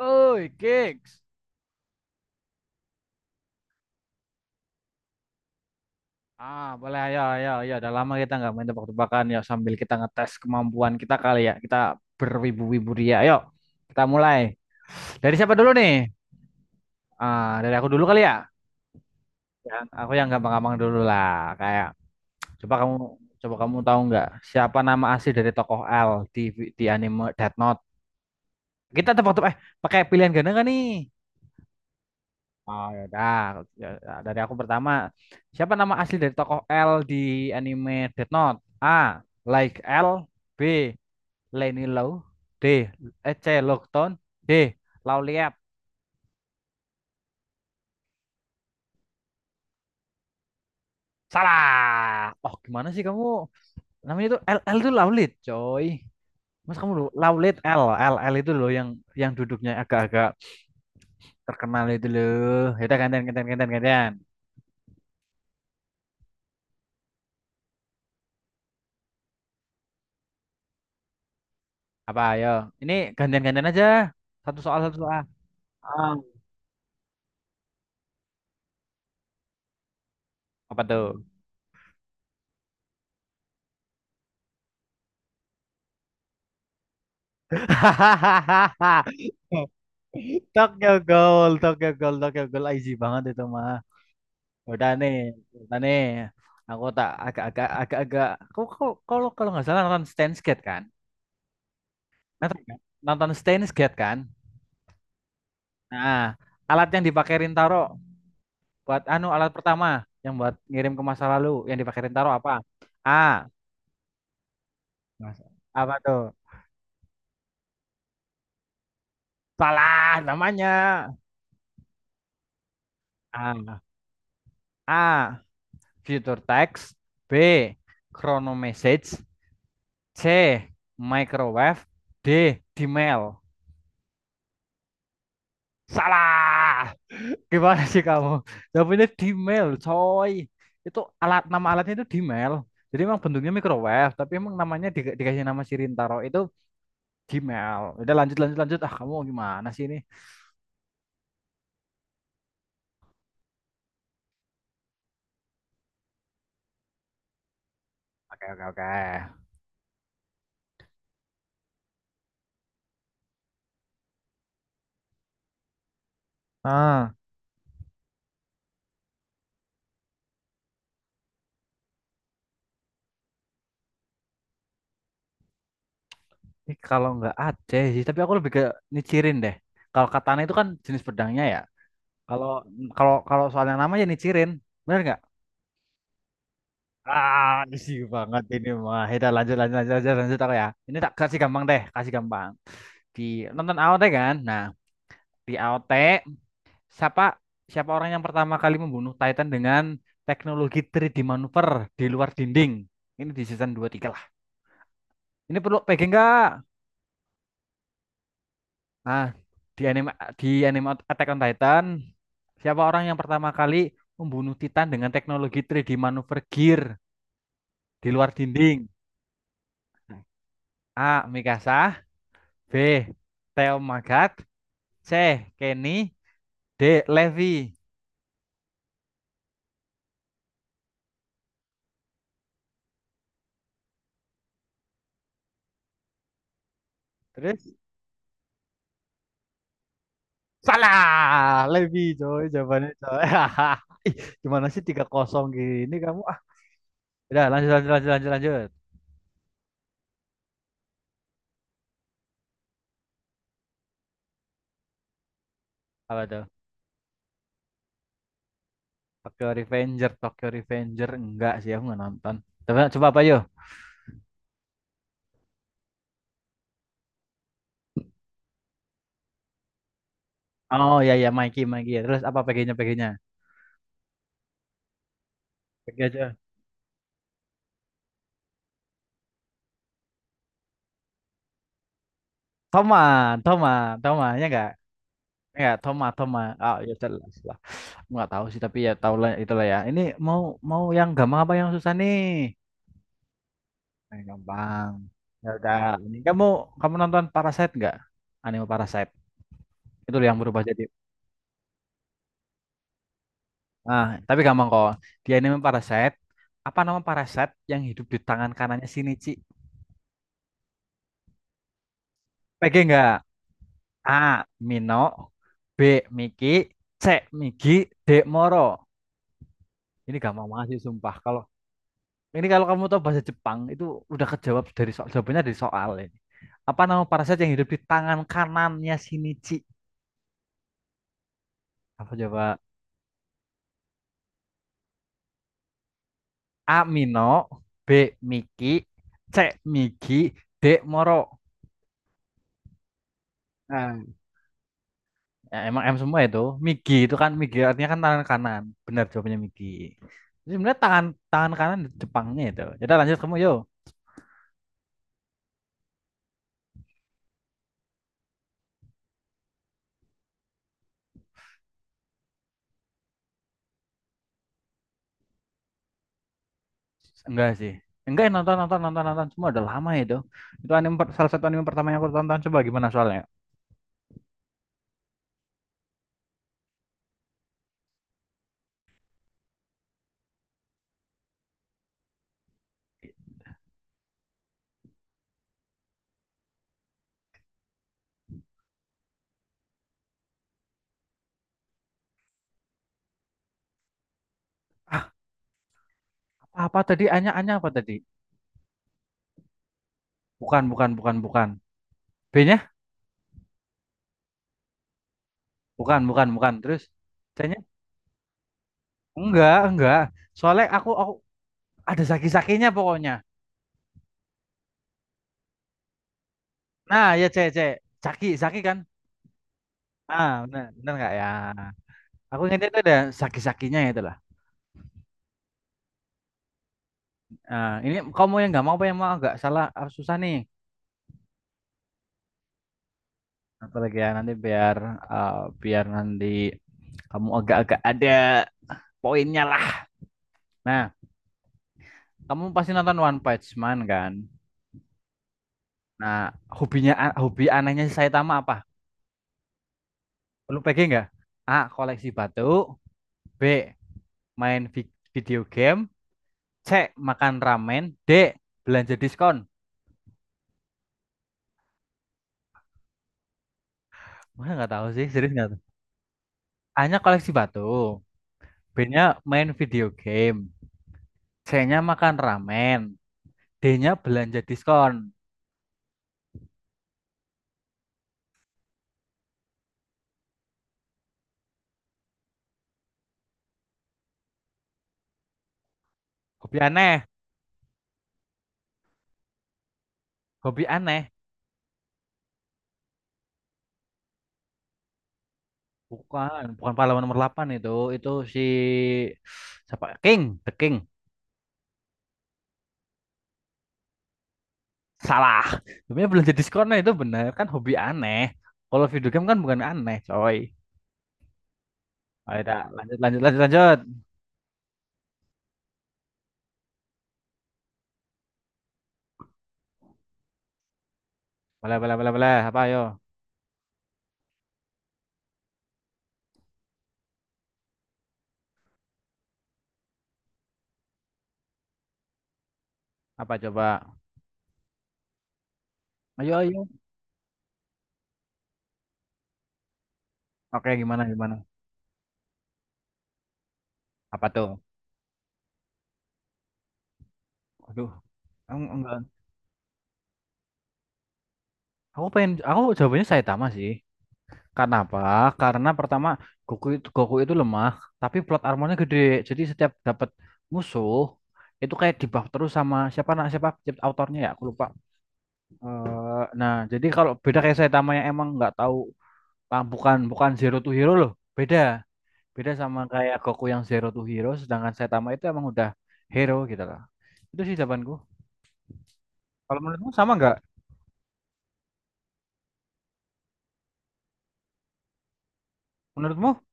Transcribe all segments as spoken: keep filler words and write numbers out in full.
Oi, gigs. Ah, boleh, ayo ayo ayo. Udah lama kita nggak main tebak-tebakan, ya sambil kita ngetes kemampuan kita kali ya. Kita berwibu-wibu dia. Ayo, kita mulai. Dari siapa dulu nih? Ah, dari aku dulu kali ya. Yang aku yang gampang-gampang dulu lah. Kayak coba kamu coba kamu tahu nggak siapa nama asli dari tokoh L di di anime Death Note? Kita tebak-tebak eh pakai pilihan ganda nggak nih? Oh ya udah. Ya, ya, dari aku pertama. Siapa nama asli dari tokoh L di anime Death Note? A. Like L, B. Lenny Low, D. eh, C. Lockton, D. Lauliat. Salah. Oh gimana sih kamu? Namanya itu L, L itu Laulit, coy. Mas kamu lu- Laulit L L L itu loh yang yang duduknya agak-agak terkenal itu loh. Ya udah, gantian gantian gantian gantian. Apa ayo? Ini gantian gantian aja. Satu soal satu soal. Ah, apa tuh? Tokyo Ghoul, Tokyo Ghoul, Tokyo Ghoul easy banget itu mah. Udah nih, udah nih. Aku tak agak-agak agak-agak. Kau kau kalau kalau nggak salah nonton Steins Gate kan? Nonton, kan? Nonton Steins Gate kan? Nah, alat yang dipakai Rintaro buat anu, alat pertama yang buat ngirim ke masa lalu yang dipakai Rintaro apa? A. Mas- Apa tuh? Salah namanya. A. A. Future text. B. Chrono message. C. Microwave. D. Dimail. Salah. Gimana sih kamu? Jawabannya Dimail, coy. Itu alat, nama alatnya itu Dimail. Jadi emang bentuknya microwave, tapi emang namanya di- dikasih nama Sirintaro itu Dimail. Udah, lanjut lanjut lanjut. Ah, kamu gimana sih ini? Oke, oke, oke. Ah, ini kalau nggak Aceh sih, tapi aku lebih ke nicirin deh. Kalau katana itu kan jenis pedangnya ya. Kalau kalau kalau soalnya nama ya nicirin. Bener nggak? Ah, easy banget ini mah. Kita lanjut lanjut lanjut lanjut, lanjut aku ya. Ini tak kasih gampang deh, kasih gampang. Di nonton A O T kan? Nah, di A O T siapa siapa orang yang pertama kali membunuh Titan dengan teknologi tiga D manuver di luar dinding? Ini di season dua tiga lah. Ini perlu P G enggak? Nah, di anime di anime Attack on Titan, siapa orang yang pertama kali membunuh Titan dengan teknologi tiga D manuver gear di luar dinding? A. Mikasa, B. Theo Magat, C. Kenny, D. Levi. Terus salah, Levi coy jawabannya coy. Ih, gimana sih tiga kosong gini kamu ah? Udah, lanjut lanjut lanjut lanjut lanjut. Apa tuh? Tokyo Revenger, Tokyo Revenger enggak sih, aku nggak nonton. Coba coba apa yo? Oh ya ya, Mikey Mikey. Terus apa P G-nya? P G-nya P G aja. Toma Toma Toma ya, enggak enggak. Toma Toma, oh ya jelas lah. Nggak tahu sih, tapi ya tahu lah itulah ya. Ini mau mau yang gampang apa yang susah nih? Yang gampang. Ya udah, ini kamu kamu nonton Parasite nggak? Anime Parasite itu yang berubah jadi ah, tapi gampang kok. Di anime Parasite apa nama Parasite yang hidup di tangan kanannya Shinichi? P G nggak? A Mino, B Miki, C Migi, D Moro. Ini gampang banget sih sumpah kalau— Ini kalau kamu tahu bahasa Jepang itu udah kejawab dari soal, jawabannya dari soal ini. Apa nama parasit yang hidup di tangan kanannya Shinichi? Apa coba? A. Mino, B. Miki, C. Migi, D. Moro. Nah, ya, emang M semua itu. Migi itu kan, Migi artinya kan tangan kanan. Benar jawabannya Migi. Jadi sebenarnya tangan, tangan kanan di Jepangnya itu. Jadi lanjut kamu yo. Enggak sih. Enggak nonton nonton nonton nonton, semua udah lama itu. Itu anime per- salah satu anime pertama yang aku tonton. Coba gimana soalnya. Apa tadi? Anya, Anya apa tadi? Bukan, bukan, bukan, bukan. B-nya? Bukan, bukan, bukan. Terus C-nya? Enggak, enggak. Soalnya aku, aku ada zaki-zakinya pokoknya. Nah, ya C, C. Zaki, zaki kan? Ah, benar, benar nggak ya? Aku ingatnya itu ada zaki-zakinya itu lah. Nah, ini kamu yang nggak mau apa yang mau agak salah? Ah, susah nih. Apalagi ya nanti biar ah, biar nanti kamu agak-agak ada poinnya lah. Nah, kamu pasti nonton One Punch Man kan? Nah, hobinya, hobi anehnya si Saitama apa? Lu P G nggak? A. Koleksi batu. B. Main vi- video game. C. Makan ramen. D. Belanja diskon. Mana nggak tahu sih, serius nggak tahu. A-nya koleksi batu. B-nya main video game. C-nya makan ramen. D-nya belanja diskon. Hobi aneh. Hobi aneh. Bukan, bukan pahlawan nomor delapan itu. Itu si siapa? King, The King. Salah. Sebenarnya belanja diskonnya itu benar kan, hobi aneh. Kalau video game kan bukan aneh, coy. Ayo dah, lanjut lanjut lanjut lanjut. Boleh boleh boleh boleh. Apa ayo? Apa coba? Ayo ayo. Oke, gimana gimana? Apa tuh? Aduh, em- enggak. Aku pengen, aku jawabannya Saitama sih. Karena apa? Karena pertama Goku itu, Goku itu lemah, tapi plot armornya gede. Jadi setiap dapat musuh itu kayak dibuff terus sama siapa nak, siapa autornya ya, aku lupa. Eh, nah, jadi kalau beda kayak Saitama yang emang nggak tahu Bang, bukan bukan Zero to Hero loh. Beda. Beda sama kayak Goku yang Zero to Hero, sedangkan Saitama itu emang udah hero gitu loh. Itu sih jawabanku. Kalau menurutmu sama nggak? Menurutmu?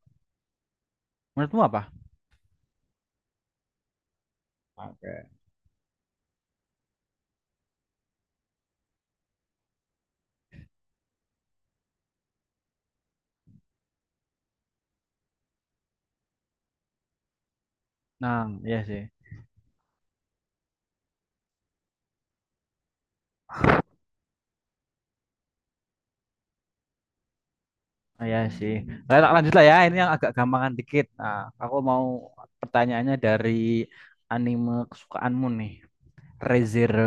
Menurutmu apa? Oke. Nah, iya sih. Nah, iya sih. Nah, tak lanjut lah ya. Ini yang agak gampangan dikit. Nah, aku mau pertanyaannya dari anime kesukaanmu nih, ReZero.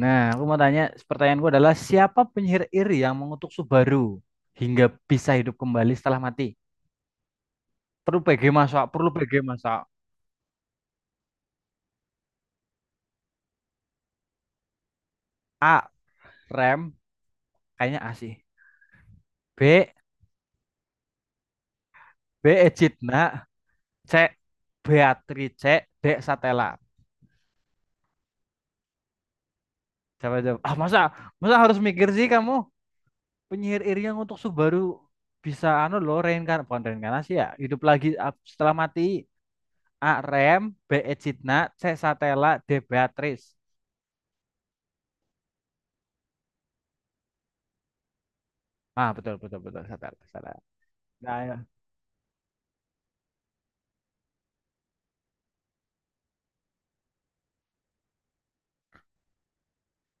Nah, aku mau tanya, pertanyaanku adalah siapa penyihir iri yang mengutuk Subaru hingga bisa hidup kembali setelah mati? Perlu P G masak, perlu P G masak. A. Rem, kayaknya asih. B. B. Ejidna, C. Beatrice, D. Satela. Jawab jawab. Ah masa, masa harus mikir sih kamu? Penyihir Irian untuk Subaru bisa anu lo reinkarn, bukan reinkarnasi ya. Hidup lagi ap- setelah mati. A. Rem, B. Ejidna, C. Satela, D. Beatrice. Ah betul betul betul, Satela. Satela. Udah ya.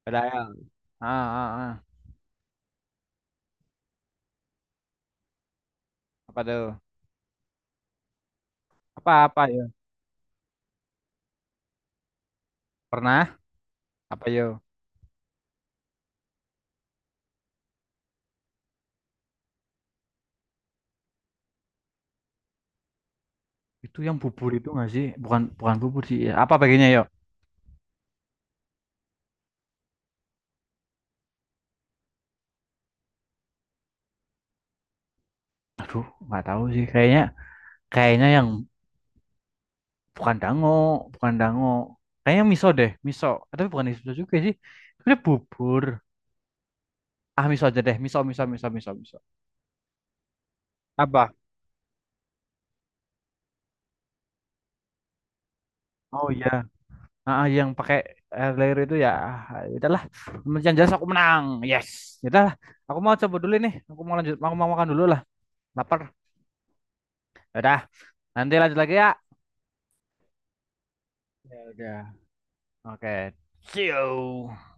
Udah ya. Ah, ah, ah. Apa tuh? Apa apa ya? Pernah? Apa yo? Itu yang bubur itu nggak sih? Bukan bukan bubur sih. Ya, apa bagiannya yuk? Aduh, nggak tahu sih. Kayaknya, kayaknya yang bukan dango, bukan dango. Kayaknya miso deh, miso. Tapi bukan miso juga sih. Sebenarnya bubur. Ah, miso aja deh. Miso, miso, miso, miso, miso. Apa? Oh iya. Ah, ah, yang pakai air layer itu ya. Ah, udahlah. Yang jelas aku menang. Yes. Udahlah. Aku mau coba dulu nih. Aku mau lanjut. Aku mau makan dulu lah. Lapar. Ya udah. Nanti lanjut lagi ya. Ya udah. Oke. See you.